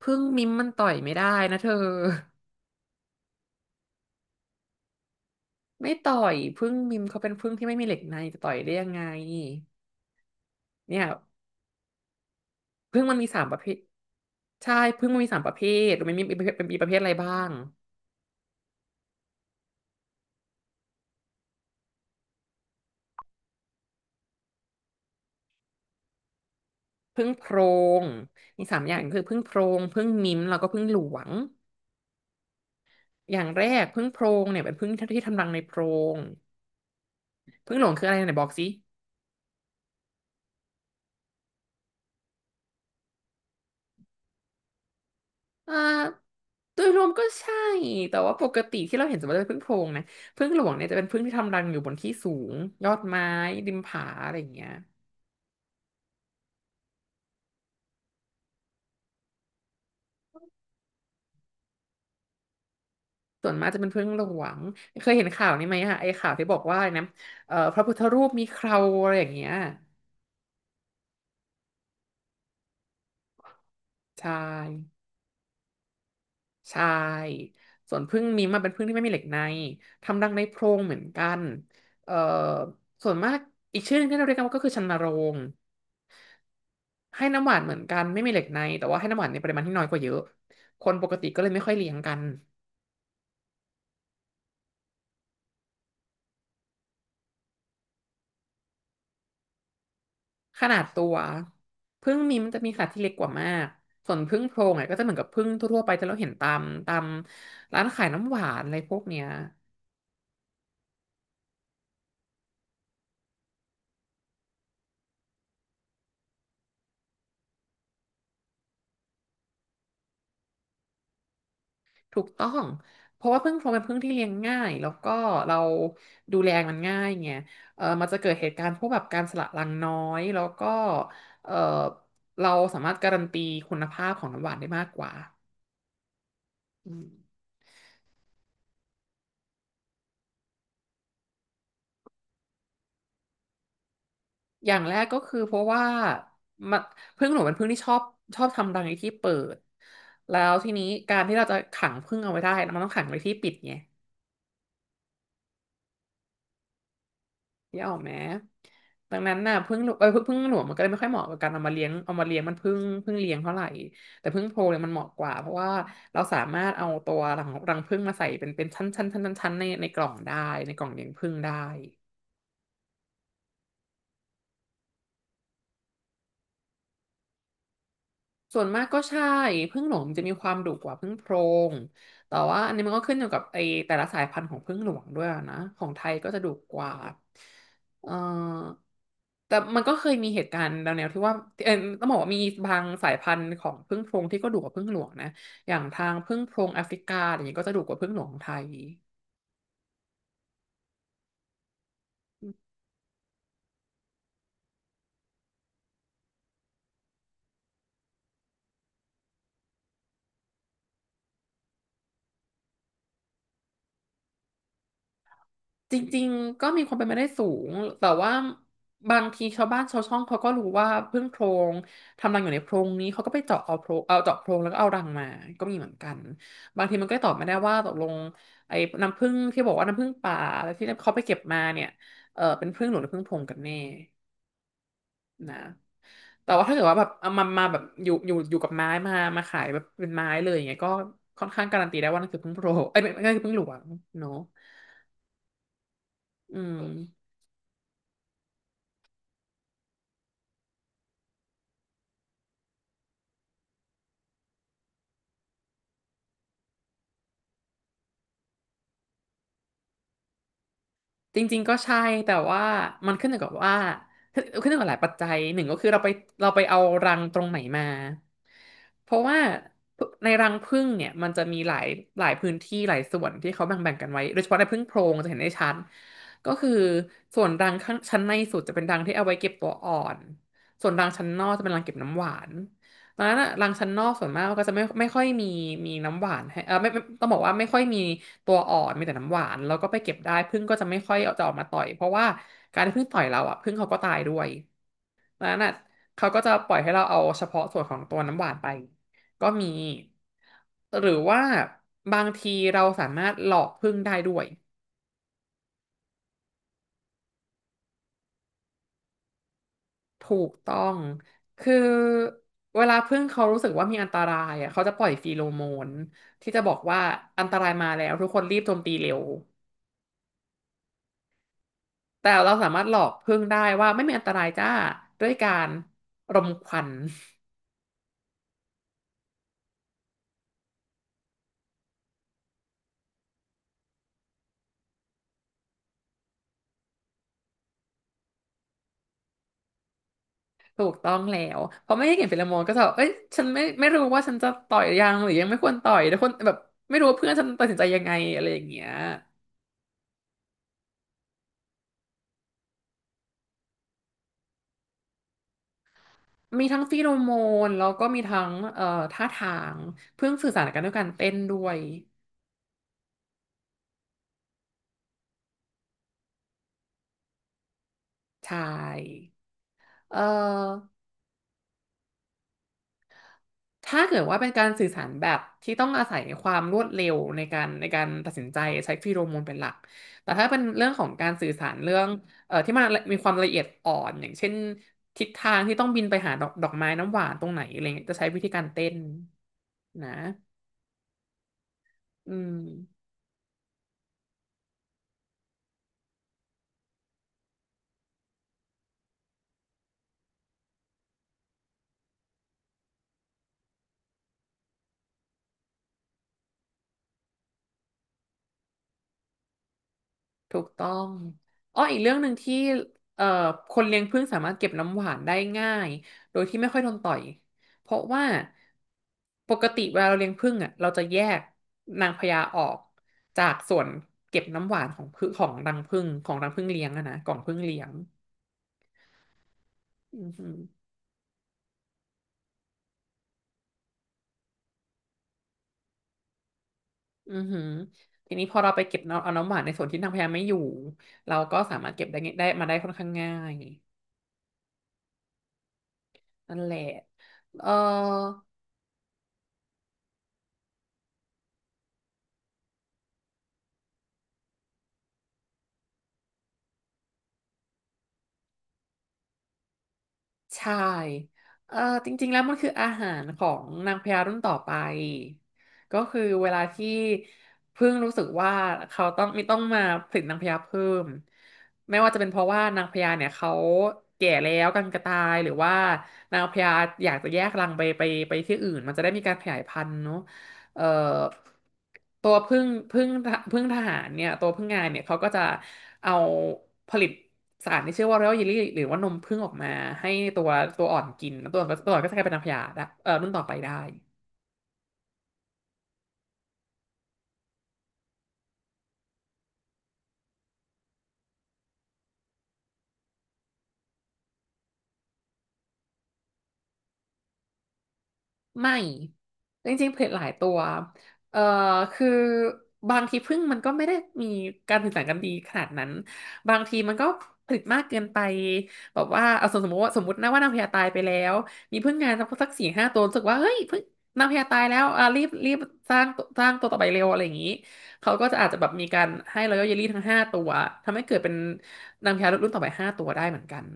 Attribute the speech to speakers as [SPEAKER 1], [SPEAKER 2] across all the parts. [SPEAKER 1] พึ่งมิมมันต่อยไม่ได้นะเธอ ไม่ต่อยพึ่งมิมเขาเป็นพึ่งที่ไม่มีเหล็กในจะต่อยได้ยังไงเนี่ยพึ่งมันมีสามประเภทใช่พึ่งมันมีสามประเภทรู้ไหมันมีเป็นมีประเภทอะไรบ้างพึ่งโพรงมีสามอย่างคือพึ่งโพรงพึ่งมิมแล้วก็พึ่งหลวงอย่างแรกพึ่งโพรงเนี่ยเป็นพึ่งที่ทำรังในโพรงพึ่งหลวงคืออะไรไหนบอกสิ อ่าโดยรวมก็ใช่แต่ว่าปกติที่เราเห็นสมมติว่าเป็นผึ้งโพรงนะผึ้งหลวงเนี่ยจะเป็นผึ้งที่ทำรังอยู่บนที่สูงยอดไม้ริมผาอะไรอย่างเงี้ยส่วนมากจะเป็นผึ้งหลวงเคยเห็นข่าวนี้ไหมอะไอ้ข่าวที่บอกว่าอะไรนะพระพุทธรูปมีเคราอะไรอย่างเงี้ยใช่ใช่ส่วนผึ้งนี้มอะเป็นผึ้งที่ไม่มีเหล็กในทำรังในโพรงเหมือนกันเอ่อส่วนมากอีกชื่อหนึงที่เราเรียกกันว่าก็คือชันนโรง ให้น้ำหวานเหมือนกันไม่มีเหล็กในแต่ว่าให้น้ำหวานในปริมาณที่น้อยกว่าเยอะคนปกติก็เลยไม่ค่อยเลี้ยงกันขนาดตัวผึ้งมีมันจะมีขนาดที่เล็กกว่ามากส่วนผึ้งโพรงอ่ะก็จะเหมือนกับผึ้งทั่วๆไปที่เราเห็นตามร้านขายน้ำหวานอะไรพวกเนี้ยถูกต้องเพราะว่าผึ้งโพรงเป็นผึ้งที่เลี้ยงง่ายแล้วก็เราดูแลมันง่ายไงมันจะเกิดเหตุการณ์พวกแบบการสละรังน้อยแล้วก็เออเราสามารถการันตีคุณภาพของน้ำหวานได้มากกว่าอืม อย่างแรกก็คือเพราะว่ามันผึ้งหนูเป็นผึ้งที่ชอบทำรังในที่เปิดแล้วทีนี้การที่เราจะขังผึ้งเอาไว้ได้มันต้องขังไว้ที่ปิดไงนี่ออกไหมดังนั้นน่ะผึ้งหนูผึ้งหลวงมันก็เลยไม่ค่อยเหมาะกับการเอามาเลี้ยงเอามาเลี้ยงมันผึ้งเลี้ยงเท่าไหร่แต่ผึ้งโพรงเนี่ยมันเหมาะกว่าเพราะว่าเราสามารถเอาตัวรังผึ้งมาใส่เป็นชั้นในกล่องได้ในกล่องเลี้ยงผึ้งได้ ส่วนมากก็ใช่ผึ้งหลวงจะมีความดุกว่าผึ้งโพรงแต่ว่าอันนี้มันก็ขึ้นอยู่กับไอแต่ละสายพันธุ์ของผึ้งหลวงด้วยนะของไทยก็จะดุกว่าเออแต่มันก็เคยมีเหตุการณ์แนวๆที่ว่าเออต้องบอกว่ามีบางสายพันธุ์ของผึ้งโพรงที่ก็ดุกว่าผึ้งหลวงนะอย่างทางผึ้งโพรงแอฟริกาอย่างนี้ก็จะดุกว่าผึ้งหลวงของไทย จริงๆก็มีความเป็นไปได้สูงแต่ว่าบางทีชาวบ้านชาวช่องเขาก็รู้ว่าพึ่งโพรงทำรังอยู่ในโพรงนี้เขาก็ไปเจาะเอาโพรงเอาเจาะโพรงแล้วก็เอารังมาก็มีเหมือนกันบางทีมันก็ตอบไม่ได้ว่าตกลงไอ้น้ำผึ้งที่บอกว่าน้ำผึ้งป่าแล้วที่เขาไปเก็บมาเนี่ยเป็นผึ้งหลวงหรือผึ้งโพรงกันแน่นะแต่ว่าถ้าเกิดว่าแบบเอามามาแบบอยู่กับไม้มามาขายแบบเป็นไม้เลยอย่างเงี้ยก็ค่อนข้างการันตีได้ว่านั่นคือผึ้งโพรงเอ้ยไม่ใช่ผึ้งหลวงเนาะอืม จริงๆก็ใช่แต่ว่ามันขึ้นอยู่กับว่าขึ้นอยู่กับหลายปัจจัยหนึ่งก็คือเราไปเราไปเอารังตรงไหนมาเพราะว่าในรังผึ้งเนี่ยมันจะมีหลายหลายพื้นที่หลายส่วนที่เขาแบ่งๆกันไว้โดยเฉพาะในผึ้งโพรงจะเห็นได้ชัดก็คือส่วนรังข้างชั้นในสุดจะเป็นรังที่เอาไว้เก็บตัวอ่อนส่วนรังชั้นนอกจะเป็นรังเก็บน้ำหวาน ร้านอะร้านชั้นนอกส่วนมากก็จะไม่ค่อยมีมีน้ำหวานให้ไม่ต้องบอกว่าไม่ค่อยมีตัวอ่อนมีแต่น้ำหวานแล้วก็ไปเก็บได้ผึ้งก็จะไม่ค่อยเอาจะออกมาต่อยเพราะว่าการที่ผึ้งต่อยเราอะผึ้งเขาก็ตายด้วยร้านอะเขาก็จะปล่อยให้เราเอาเฉพาะส่วนของตัวน้ำหวานไปก็มีหรือว่าบางทีเราสามารถหลอกผึ้งได้ด้วย ถูกต้อง คือเวลาพึ่งเขารู้สึกว่ามีอันตรายอ่ะเขาจะปล่อยฟีโรโมนที่จะบอกว่าอันตรายมาแล้วทุกคนรีบโจมตีเร็วแต่เราสามารถหลอกพึ่งได้ว่าไม่มีอันตรายจ้าด้วยการรมควันถูกต้องแล้วพอไม่ให้เห็นฟีโรโมนก็จะแบบเอ้ยฉันไม่รู้ว่าฉันจะต่อยยังหรือยังไม่ควรต่อยทุกคนแบบไม่รู้ว่าเพื่อนฉันตัดสินใจยังไงอะไรอย่างเงี้ยมีทั้งฟีโรโมนแล้วก็มีทั้งท่าทางเพิ่งสื่อสารกันด้วยการเต้นด้วย ใช่เอ่อถ้าเกิดว่าเป็นการสื่อสารแบบที่ต้องอาศัยความรวดเร็วในการตัดสินใจใช้ฟีโรโมนเป็นหลัก แต่ถ้าเป็นเรื่องของการสื่อสารเรื่องที่มันมีความละเอียดอ่อนอย่างเช่นทิศทางที่ต้องบินไปหาดอกไม้น้ำหวานตรงไหนอะไรเงี้ยจะใช้วิธีการเต้นนะอืม ถูกต้องอ้ออีกเรื่องหนึ่งที่เอ่อคนเลี้ยงผึ้งสามารถเก็บน้ำหวานได้ง่ายโดยที่ไม่ค่อยโดนต่อยเพราะว่า ปกติเวลาเราเลี้ยงผึ้งอ่ะเราจะแยกนางพญาออกจากส่วนเก็บน้ำหวานของผึ้งของรังผึ้งเลี้ยงอะนะกล่องผึ้งเลี้ยงอือหืออือหือทีนี้พอเราไปเก็บน้ำเอาน้ำหวานในส่วนที่นางพญาไม่อยู่เราก็สามารถเก็บได้าได้มาได้ค่อนข้างง่ายนั่นแหละ เออ ใช่เอ่อจริงๆแล้วมันคืออาหารของนางพญารุ่นต่อไปก็คือเวลาที่เพึ่งรู้สึกว่าเขาต้องมาผลิตนางพญาเพิ่ม ไม่ว่าจะเป็นเพราะว่านางพญาเนี่ยเขาแก่แล้วกันกระตายหรือว่านางพญาอยากจะแยกรังไปที่อื่นมันจะได้มีการขยายพันธุ์เนาะเอ่อตัวพึ่งทหารเนี่ยตัวพึ่งงานเนี่ยเขาก็จะ เอาผลิตสารที่ชื่อว่า Royal Jelly หรือว่านมผึ้งออกมาให้ตัวตัวอ่อนกินแล้วตัวอ่อนก็จะกลายเป็นนางพญาได้รุ่นต่อไปได้ ไม่จริงๆเล็ดหลายตัวเอ่อคือบางทีพึ่งมันก็ไม่ได้มีการสื่อสารกันดีขนาดนั้นบางทีมันก็ผลิตมากเกินไปแบบว่าเอาสมมตินะว่านางพญาตายไปแล้วมีพึ่งงานสักสี่ห้าตัวรู้สึกว่าเฮ้ยพึ่งนางพญาตายแล้วอ่ะรีบสร้างตัวต่อไปเร็วอะไรอย่างนี้เขาก็จะอาจจะแบบมีการให้รอยัลเยลลี่ทั้งห้าตัวทำให้เกิดเป็นนางพญารุ่นต่อไปห้าตัวได้เหมือนกัน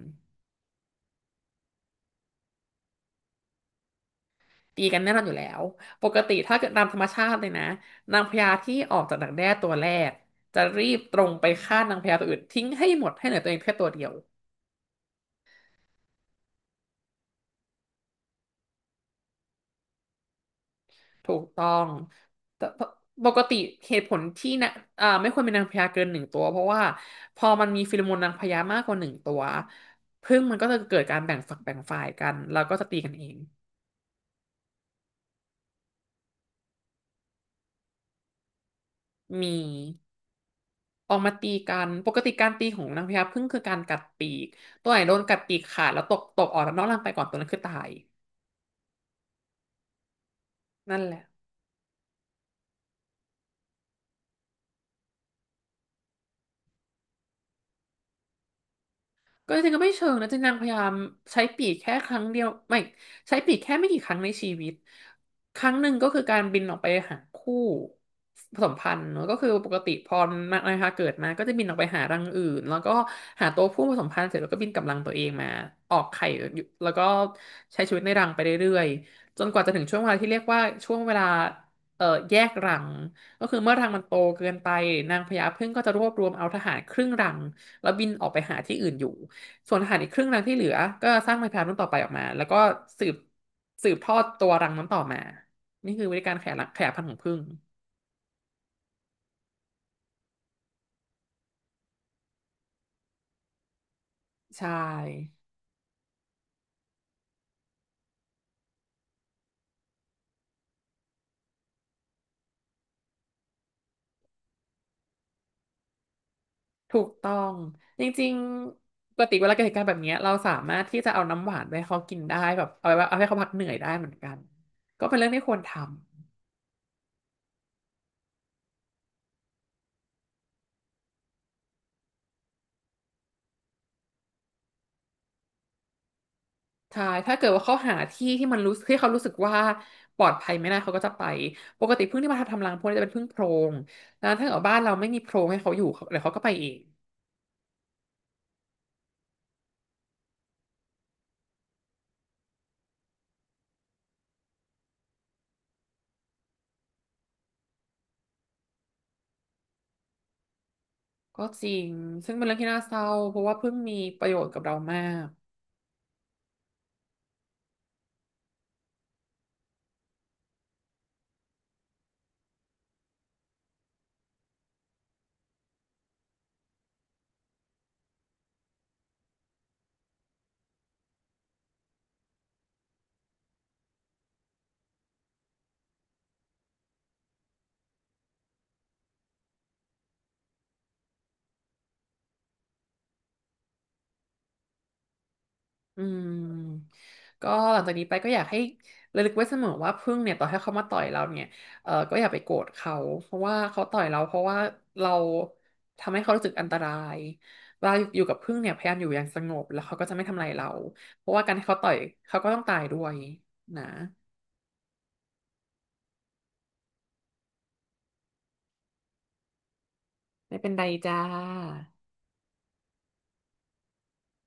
[SPEAKER 1] ตีกันแน่นอนอยู่แล้วปกติถ้าเกิดตามธรรมชาติเลยนะนางพญาที่ออกจากดักแด้ตัวแรกจะรีบตรงไปฆ่านางพญาตัวอื่นทิ้งให้หมดให้เหลือตัวเองแค่ตัวเดียวถูกต้องแต่ปกติเหตุผลที่นะไม่ควรเป็นนางพญาเกินหนึ่งตัวเพราะว่าพอมันมีฟีโรโมนนางพญามากกว่าหนึ่งตัวผึ้งมันก็จะเกิดการแบ่งฝักแบ่งฝ่ายกันแล้วก็จะตีกันเองมี ออกมาตีกันปกติการตีของนางพญาผึ้งคือการกัดปีก ตัวไหนโดนกัดปีกขาดแล้วตกออกนอกร่างไปก่อนตัวนั้นคือตาย นั่นแหละ ก็จริงๆก็ไม่เชิงนะจริงนางพยายามใช้ปีกแค่ครั้งเดียวไม่ใช้ปีกแค่ไม่กี่ครั้งในชีวิตครั้งหนึ่งก็คือการบินออกไปหาคู่ผสมพันธุ์เนอะก็คือปกติพอนะคะเกิดมาก็จะบินออกไปหารังอื่นแล้วก็หาตัวผู้ผสมพันธุ์เสร็จแล้วก็บินกลับรังตัวเองมาออกไข่อยู่แล้วก็ใช้ชีวิตในรังไปเรื่อยๆจนกว่าจะถึงช่วงเวลาที่เรียกว่าช่วงเวลาแยกรังก็คือเมื่อรังมันโตเกินไปนางพญาผึ้งก็จะรวบรวมเอาทหารครึ่งรังแล้วบินออกไปหาที่อื่นอยู่ ส่วนทหารอีกครึ่งหนึ่งที่เหลือก็สร้างไม้พายรุ่นต่อไปออกมาแล้วก็สืบสืบทอดตัวรังนั้นต่อมา นี่คือวิธีการขยายรังขยายพันธุ์ของผึ้งใช่ ถูกต้อง จริงๆปกติเวลาเกิดเหตุการณ์แบบเนี้ยเราสามารถที่จะเอาน้ำหวานไปให้เขากินได้แบบเอาไว้เอาให้เขาพักเหนื่อยได้เหมือนกัน ก็เป็นเรื่องที่ควรทำใช่ถ้าเกิดว่าเขาหาที่ที่มันรู้ที่เขารู้สึกว่าปลอดภัยไม่ได้เขาก็จะไปปกติผึ้งที่มาทำรังพวกนี้จะเป็นผึ้งโพรงแล้วถ้าเกิดว่าบ้านเราไม่มีโพรงให้เขาอยู่เขาเดี๋ยวเขาก็ไปเอง ก็จริง ซึ่งเป็นเรื่องที่น่าเศร้าเพราะว่าเพิ่งมีประโยชน์กับเรามากอืมก็หลังจากนี้ไปก็อยากให้ระลึกไว้เสมอว่าพึ่งเนี่ยต่อให้เขามาต่อยเราเนี่ยเออก็อย่าไปโกรธเขาเพราะว่าเขาต่อยเราเพราะว่าเราทำให้เขารู้สึกอันตรายเวลาอยู่กับพึ่งเนี่ยพยายามอยู่อย่างสงบแล้วเขาก็จะไม่ทำอะไรเราเพราะว่าการที่เขาต่อยเขาก็ต้องตายด้วยนะไม่เป็นไรจ้า